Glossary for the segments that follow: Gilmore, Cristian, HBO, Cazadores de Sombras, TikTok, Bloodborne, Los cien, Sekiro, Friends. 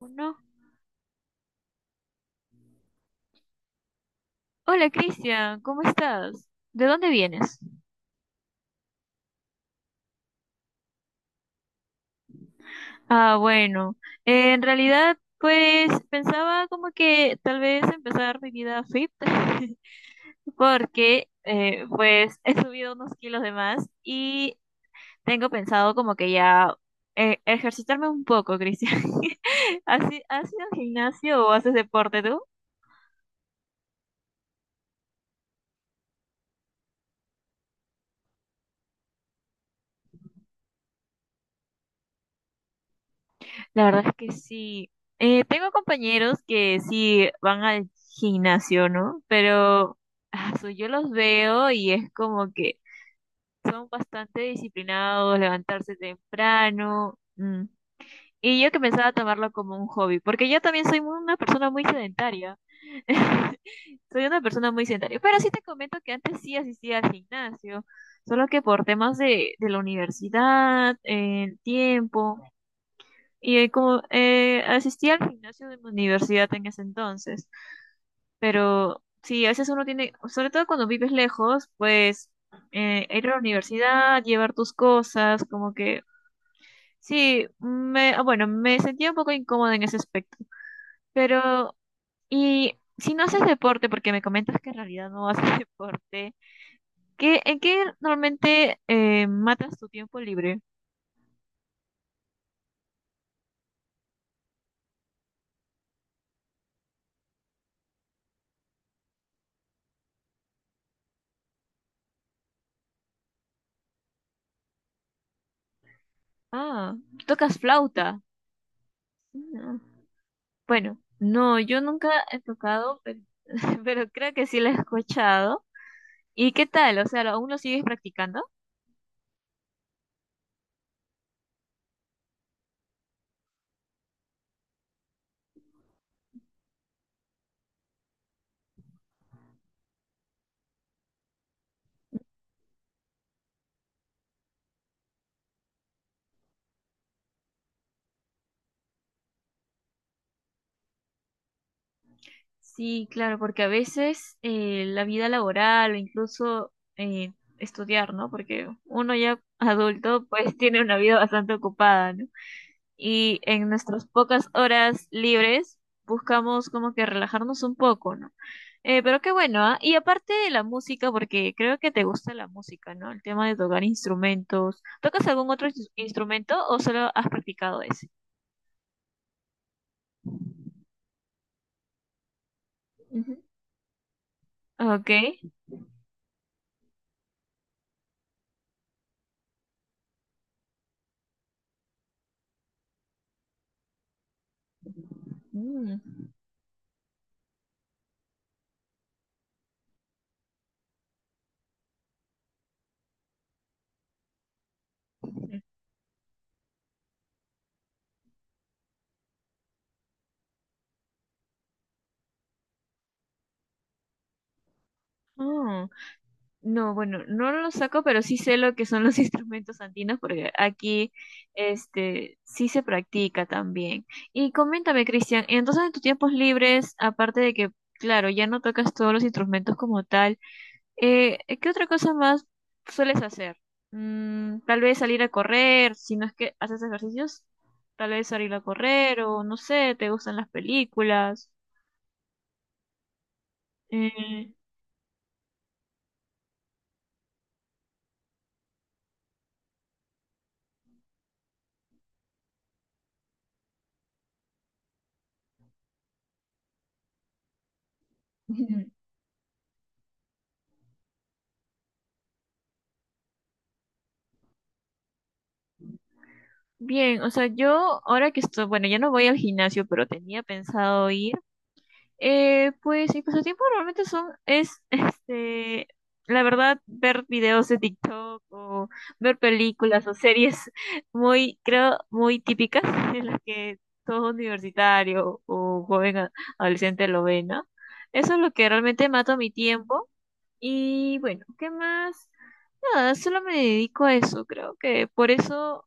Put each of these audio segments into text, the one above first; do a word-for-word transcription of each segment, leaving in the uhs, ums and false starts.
Uno. Hola Cristian, ¿cómo estás? ¿De dónde vienes? Ah, bueno, en realidad pues pensaba como que tal vez empezar mi vida fit porque eh, pues he subido unos kilos de más y tengo pensado como que ya eh, ejercitarme un poco, Cristian. ¿Has, i- Has ido al gimnasio o haces deporte tú? La verdad es que sí. Eh, tengo compañeros que sí van al gimnasio, ¿no? Pero ah, su- yo los veo y es como que son bastante disciplinados, levantarse temprano. mm. Y yo que pensaba tomarlo como un hobby, porque yo también soy muy- una persona muy sedentaria. Soy una persona muy sedentaria. Pero sí te comento que antes sí asistía al gimnasio, solo que por temas de, de la universidad, el tiempo. Y eh, como eh, asistía al gimnasio de mi universidad en ese entonces, pero sí, a veces uno tiene, sobre todo cuando vives lejos, pues eh, ir a la universidad, llevar tus cosas, como que sí, me, ah, bueno, me sentía un poco incómoda en ese aspecto. Pero, y si no haces deporte, porque me comentas que en realidad no haces deporte, ¿qué, en qué normalmente eh, matas tu tiempo libre? Ah, tocas flauta. Ah. Bueno, no, yo nunca he tocado, pero, pero creo que sí la he escuchado. ¿Y qué tal? O sea, ¿aún lo sigues practicando? Sí, claro, porque a veces eh, la vida laboral o incluso eh, estudiar, ¿no? Porque uno ya adulto pues tiene una vida bastante ocupada, ¿no? Y en nuestras pocas horas libres buscamos como que relajarnos un poco, ¿no? Eh, pero qué bueno, ¿ah? Y aparte de la música, porque creo que te gusta la música, ¿no? El tema de tocar instrumentos. ¿Tocas algún otro ins- instrumento o solo has practicado ese? Ujú. Ok. Mm. Mm. No, bueno, no lo saco, pero sí sé lo que son los instrumentos andinos porque aquí este sí se practica también. Y coméntame, Cristian, entonces en tus tiempos libres, aparte de que, claro, ya no tocas todos los instrumentos como tal, eh, eh, ¿qué otra cosa más sueles hacer? Mm, tal vez salir a correr, si no es que haces ejercicios, tal vez salir a correr o no sé, te gustan las películas. Eh, Bien, o sea, yo ahora que estoy, bueno, ya no voy al gimnasio, pero tenía pensado ir. Eh, pues mis pasatiempos realmente son, es, este, la verdad, ver videos de TikTok o ver películas o series muy, creo, muy típicas en las que todo universitario o joven a- adolescente lo ve, ¿no? Eso es lo que realmente mato mi tiempo. Y bueno, ¿qué más? Nada, solo me dedico a eso, creo que por eso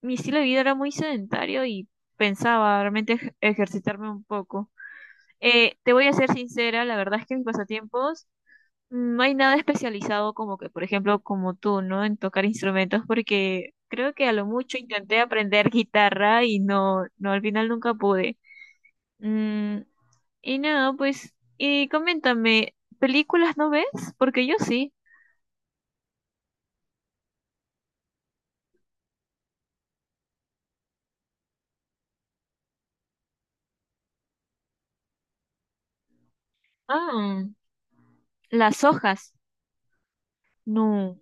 mi estilo de vida era muy sedentario y pensaba realmente ej- ejercitarme un poco. Eh, te voy a ser sincera, la verdad es que mis pasatiempos mm, no hay nada especializado como que, por ejemplo, como tú, ¿no? En tocar instrumentos, porque creo que a lo mucho intenté aprender guitarra y no, no, al final nunca pude. Mm, y nada, pues, y coméntame, ¿películas no ves? Porque yo sí. Ah, las hojas. No.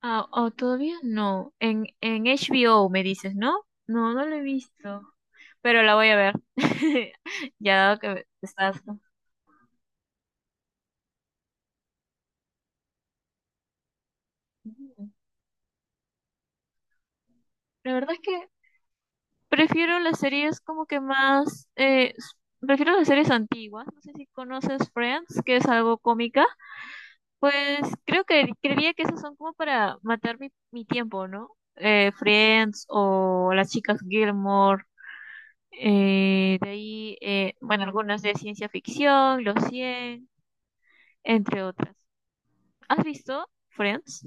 Ah, oh, todavía no. En, en H B O me dices, ¿no? No, no lo he visto. Pero la voy a ver. Ya dado que estás. Ujú. La verdad es que prefiero las series como que más. Eh, s- prefiero las series antiguas. No sé si conoces Friends, que es algo cómica. Pues creo que creería que esas son como para matar mi, mi tiempo, ¿no? Eh, Friends o las chicas Gilmore. Eh, de ahí, eh, bueno, algunas de ciencia ficción, Los cien entre otras. ¿Has visto Friends?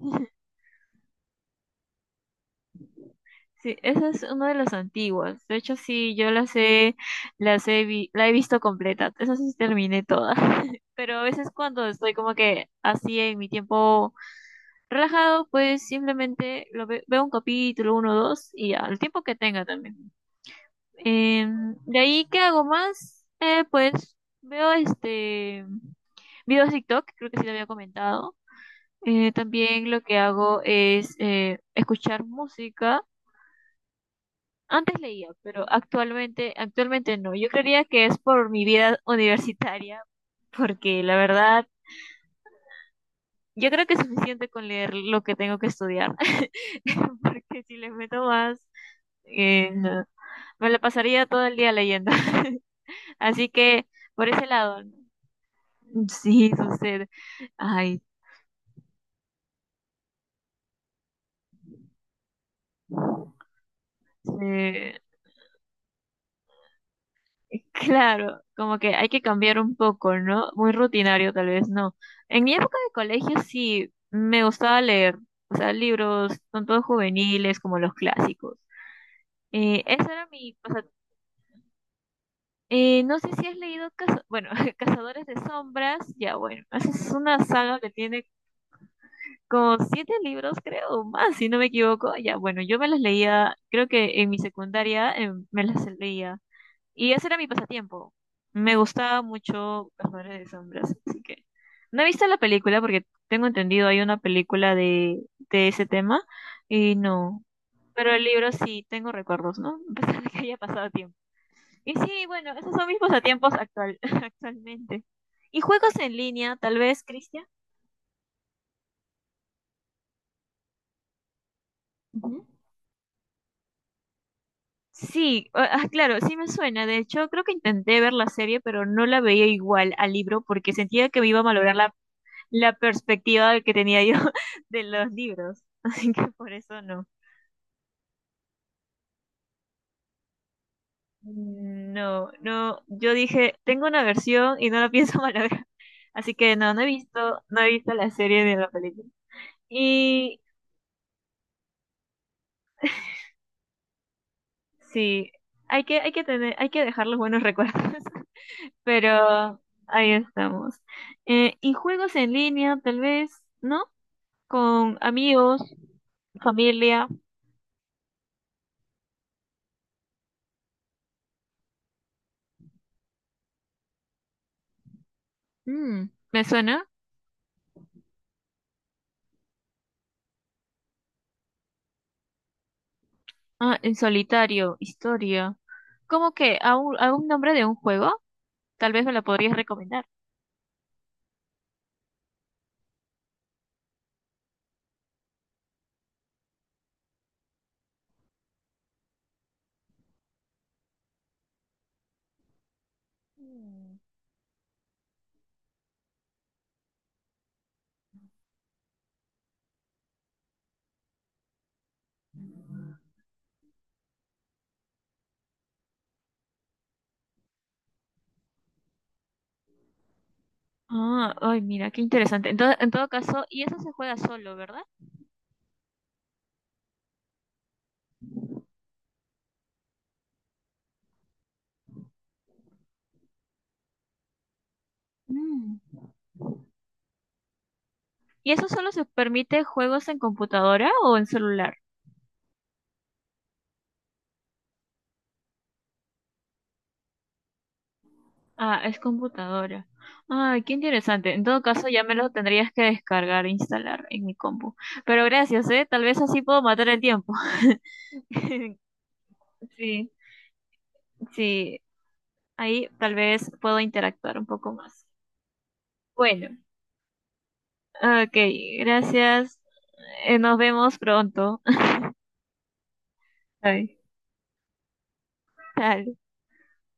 Sí, esa es una de las antiguas. De hecho, sí, yo las he, las he vi- la he visto completa. Esa sí terminé toda. Pero a veces cuando estoy como que así en mi tiempo relajado, pues simplemente lo ve- veo un capítulo, uno o dos, y ya, el tiempo que tenga también. Em, de ahí, ¿qué hago más? Eh, pues veo este. Videos de TikTok, creo que sí lo había comentado. Eh, también lo que hago es eh, escuchar música. Antes leía, pero actualmente, actualmente no. Yo creería que es por mi vida universitaria, porque la verdad, yo creo que es suficiente con leer lo que tengo que estudiar, porque si les meto más, eh, no. Me la pasaría todo el día leyendo. Así que por ese lado, ¿no? Sí sucede. Ay, sí. Claro, como que hay que cambiar un poco, ¿no? Muy rutinario tal vez, no. En mi época de colegio sí me gustaba leer, o sea, libros, tanto juveniles como los clásicos. Eh, esa era mi pasa- Eh, no sé si has leído, Caza- bueno, Cazadores de Sombras, ya bueno, esa es una saga que tiene como siete libros, creo, o más, si no me equivoco. Ya bueno, yo me las leía, creo que en mi secundaria em, me las leía. Y ese era mi pasatiempo. Me gustaba mucho Cazadores de Sombras, así que no he visto la película porque tengo entendido hay una película de, de ese tema y no. Pero el libro sí tengo recuerdos, ¿no? A pesar de que haya pasado tiempo. Y sí, bueno, esos son mis pasatiempos actual, actualmente. ¿Y juegos en línea, tal vez, Cristian? Ujú. Sí, ah, ah, claro, sí me suena. De hecho, creo que intenté ver la serie, pero no la veía igual al libro porque sentía que me iba a malograr la la perspectiva que tenía yo de los libros. Así que por eso no. No, no, yo dije, tengo una versión y no la pienso malograr. Así que no, no he visto, no he visto la serie ni la película. Y sí, hay que, hay que tener, hay que dejar los buenos recuerdos. Pero ahí estamos. Eh, y juegos en línea, tal vez, ¿no? Con amigos, familia. Mm, ¿me suena? Ah, en solitario, historia. ¿Cómo que? ¿A un, A un nombre de un juego? Tal vez me lo podrías recomendar. Mm, ah, ay, mira, qué interesante. Entonces, en todo caso, y eso se juega solo, ¿verdad? Mm. ¿Y eso solo se permite juegos en computadora o en celular? Ah, es computadora. Ay, qué interesante. En todo caso, ya me lo tendrías que descargar e instalar en mi compu. Pero gracias, ¿eh? Tal vez así puedo matar el tiempo. Sí, sí. Ahí tal vez puedo interactuar un poco más. Bueno, ok, gracias. Eh, nos vemos pronto. Bye. Tal.